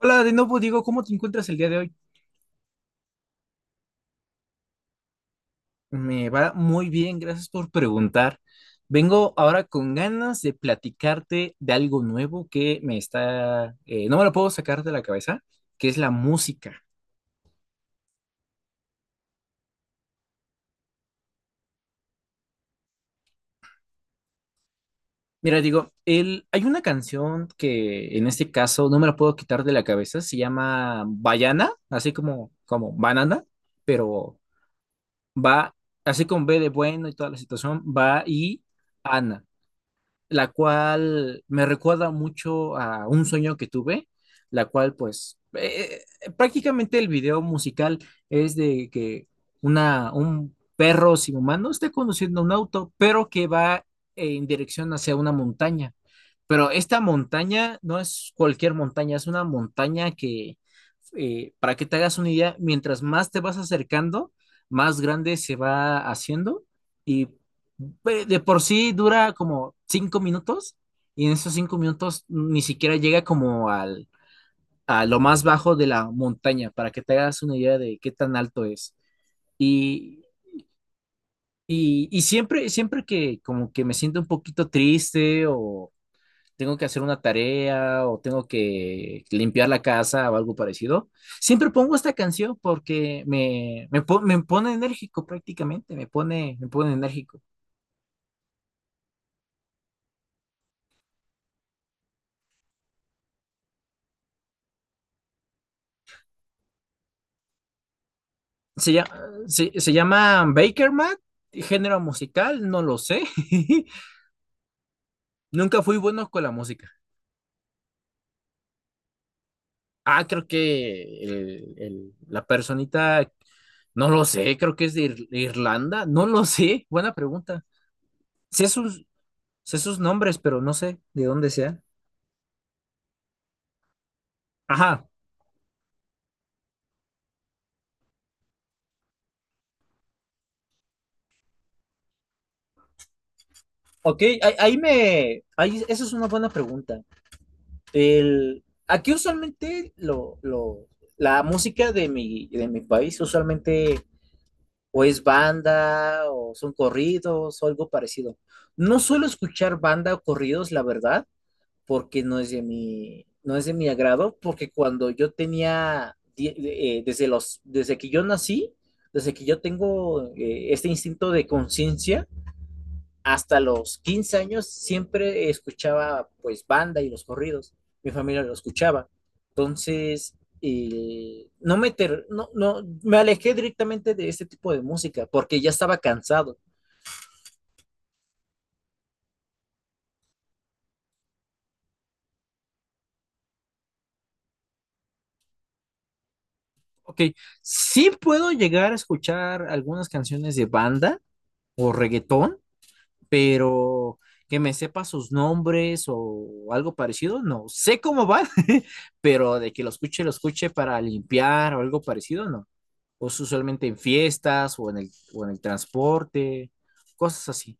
Hola, de nuevo Diego, ¿cómo te encuentras el día de hoy? Me va muy bien, gracias por preguntar. Vengo ahora con ganas de platicarte de algo nuevo que no me lo puedo sacar de la cabeza, que es la música. Mira, Diego, hay una canción que en este caso no me la puedo quitar de la cabeza, se llama Bayana, así como banana, pero va, así con B de bueno y toda la situación, va y Ana, la cual me recuerda mucho a un sueño que tuve, la cual pues prácticamente el video musical es de que un perro sin humano esté conduciendo un auto, pero que va en dirección hacia una montaña. Pero esta montaña no es cualquier montaña, es una montaña que, para que te hagas una idea, mientras más te vas acercando, más grande se va haciendo y de por sí dura como 5 minutos, y en esos 5 minutos ni siquiera llega como a lo más bajo de la montaña, para que te hagas una idea de qué tan alto es. Y, y siempre que como que me siento un poquito triste, o tengo que hacer una tarea, o tengo que limpiar la casa o algo parecido, siempre pongo esta canción porque me pone enérgico prácticamente, me pone enérgico. Se, llama se llama Baker Mat. Género musical, no lo sé. Nunca fui bueno con la música. Ah, creo que la personita, no lo sé, creo que es de Irlanda, no lo sé, buena pregunta. Sé sus, sé sus nombres, pero no sé de dónde sea. Ajá. Ok, eso es una buena pregunta. Aquí usualmente la música de mi país usualmente o es banda o son corridos o algo parecido. No suelo escuchar banda o corridos, la verdad, porque no es de mi agrado, porque cuando yo tenía, die- desde desde que yo nací, desde que yo tengo este instinto de conciencia, hasta los 15 años siempre escuchaba pues banda y los corridos, mi familia lo escuchaba, entonces no, me ter no, no, me alejé directamente de este tipo de música porque ya estaba cansado. Ok, sí puedo llegar a escuchar algunas canciones de banda o reggaetón, pero que me sepa sus nombres o algo parecido, no sé cómo van. Pero de que lo escuche para limpiar o algo parecido, no. O es usualmente en fiestas o en o en el transporte, cosas así.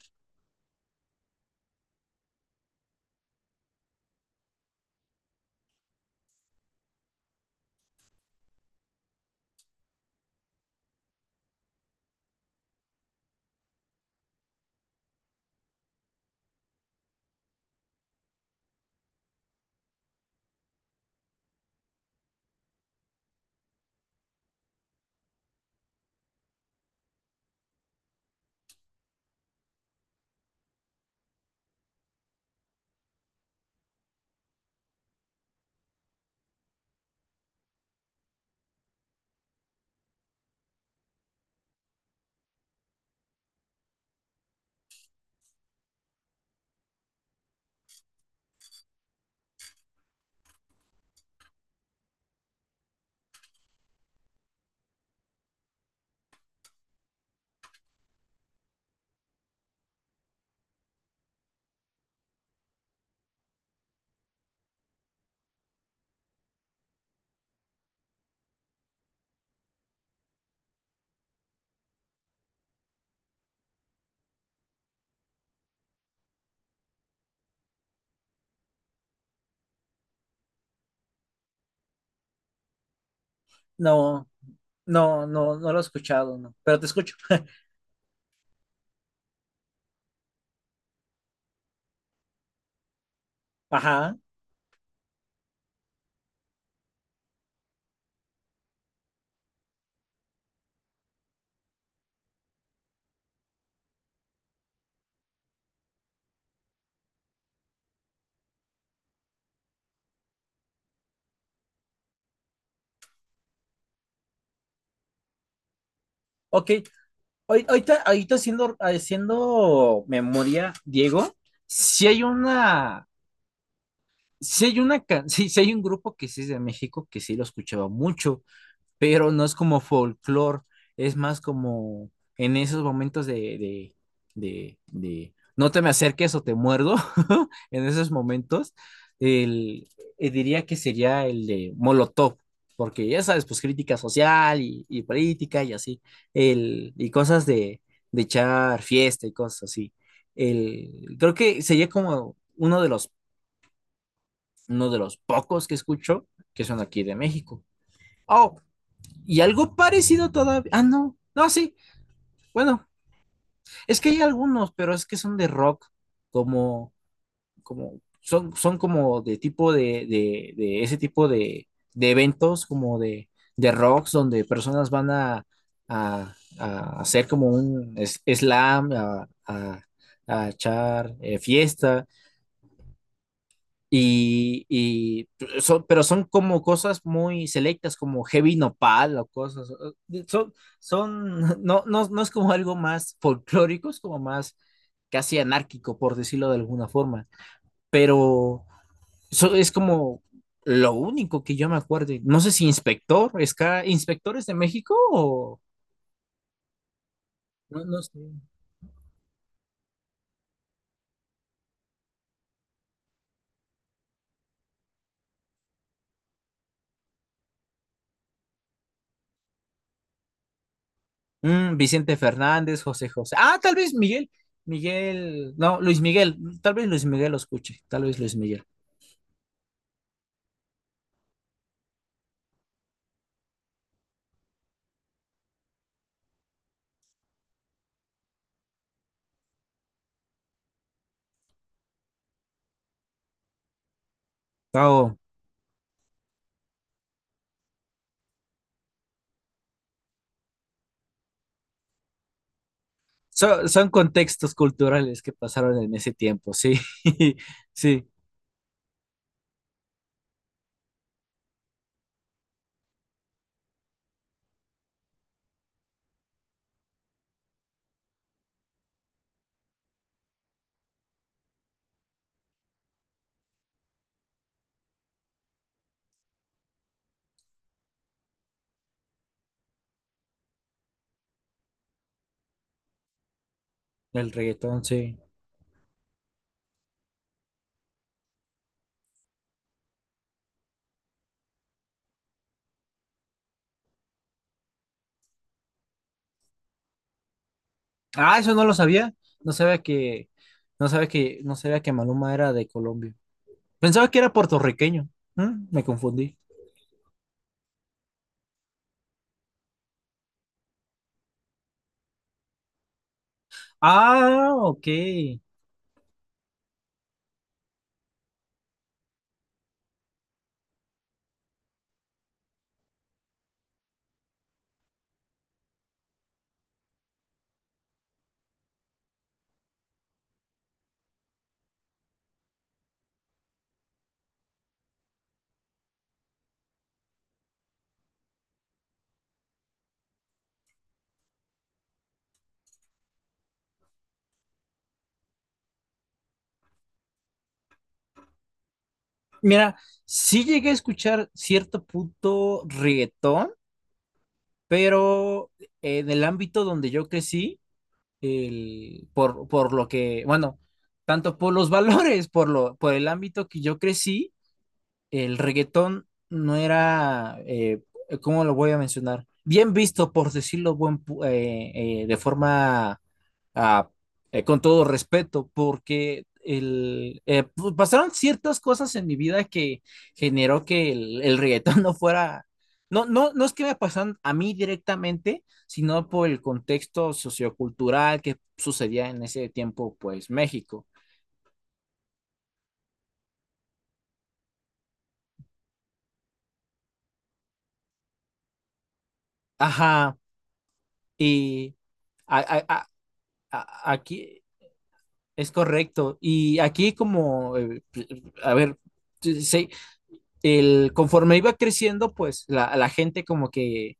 No, no, no, no lo he escuchado, no. Pero te escucho. Ajá. Ok. Ahorita, haciendo memoria, Diego, si hay una, si hay una, ca- Sí, sí, hay un grupo que sí es de México que sí lo escuchaba mucho, pero no es como folclore, es más como en esos momentos de, de, de, de, no te me acerques o te muerdo. En esos momentos, el, diría que sería el de Molotov, porque ya sabes, pues crítica social y política y así, y cosas de echar fiesta y cosas así. Creo que sería como uno de los pocos que escucho que son aquí de México. Oh, y algo parecido todavía. Ah, no. No, sí. Bueno, es que hay algunos, pero es que son de rock, como, son como de tipo de ese tipo de eventos, como de rocks, donde personas van a, a hacer como un slam, a echar fiesta. Y pero son como cosas muy selectas, como Heavy Nopal o cosas. eh, Son, no, no, no es como algo más folclórico, es como más casi anárquico, por decirlo de alguna forma. Pero es como lo único que yo me acuerdo. No sé si Inspector, Ska, Inspectores de México o no, no sé. Mm, Vicente Fernández, José José. Ah, tal vez Miguel, Miguel, no, Luis Miguel, tal vez Luis Miguel lo escuche, tal vez Luis Miguel. No, son contextos culturales que pasaron en ese tiempo, sí. Sí, el reggaetón, sí. Ah, eso no lo sabía. No sabía que, Maluma era de Colombia. Pensaba que era puertorriqueño. Me confundí. Ah, ok. Mira, sí llegué a escuchar cierto punto reggaetón, pero en el ámbito donde yo crecí, por lo que, bueno, tanto por los valores, por el ámbito que yo crecí, el reggaetón no era, ¿cómo lo voy a mencionar? Bien visto, por decirlo de forma, ah, con todo respeto, porque pues pasaron ciertas cosas en mi vida que generó que el reggaetón no fuera. No, no, no es que me pasaran a mí directamente, sino por el contexto sociocultural que sucedía en ese tiempo, pues México. Ajá, y a- a- a- aquí es correcto. Y aquí como, a ver, sí, conforme iba creciendo, pues la gente como que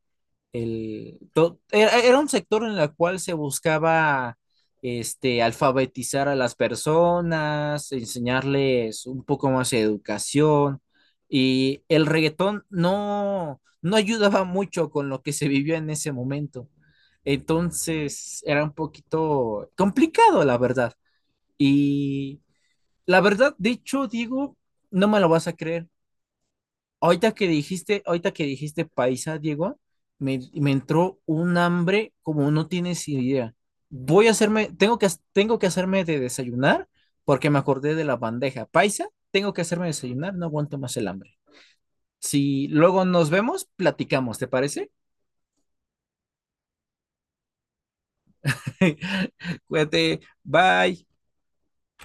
era un sector en el cual se buscaba, este, alfabetizar a las personas, enseñarles un poco más de educación. Y el reggaetón no ayudaba mucho con lo que se vivió en ese momento. Entonces era un poquito complicado, la verdad. Y la verdad, dicho, Diego, no me lo vas a creer. Ahorita que dijiste paisa, Diego, me entró un hambre como no tienes idea. Tengo que hacerme de desayunar porque me acordé de la bandeja paisa. Tengo que hacerme desayunar, no aguanto más el hambre. Si luego nos vemos, platicamos, ¿te parece? Cuídate, bye.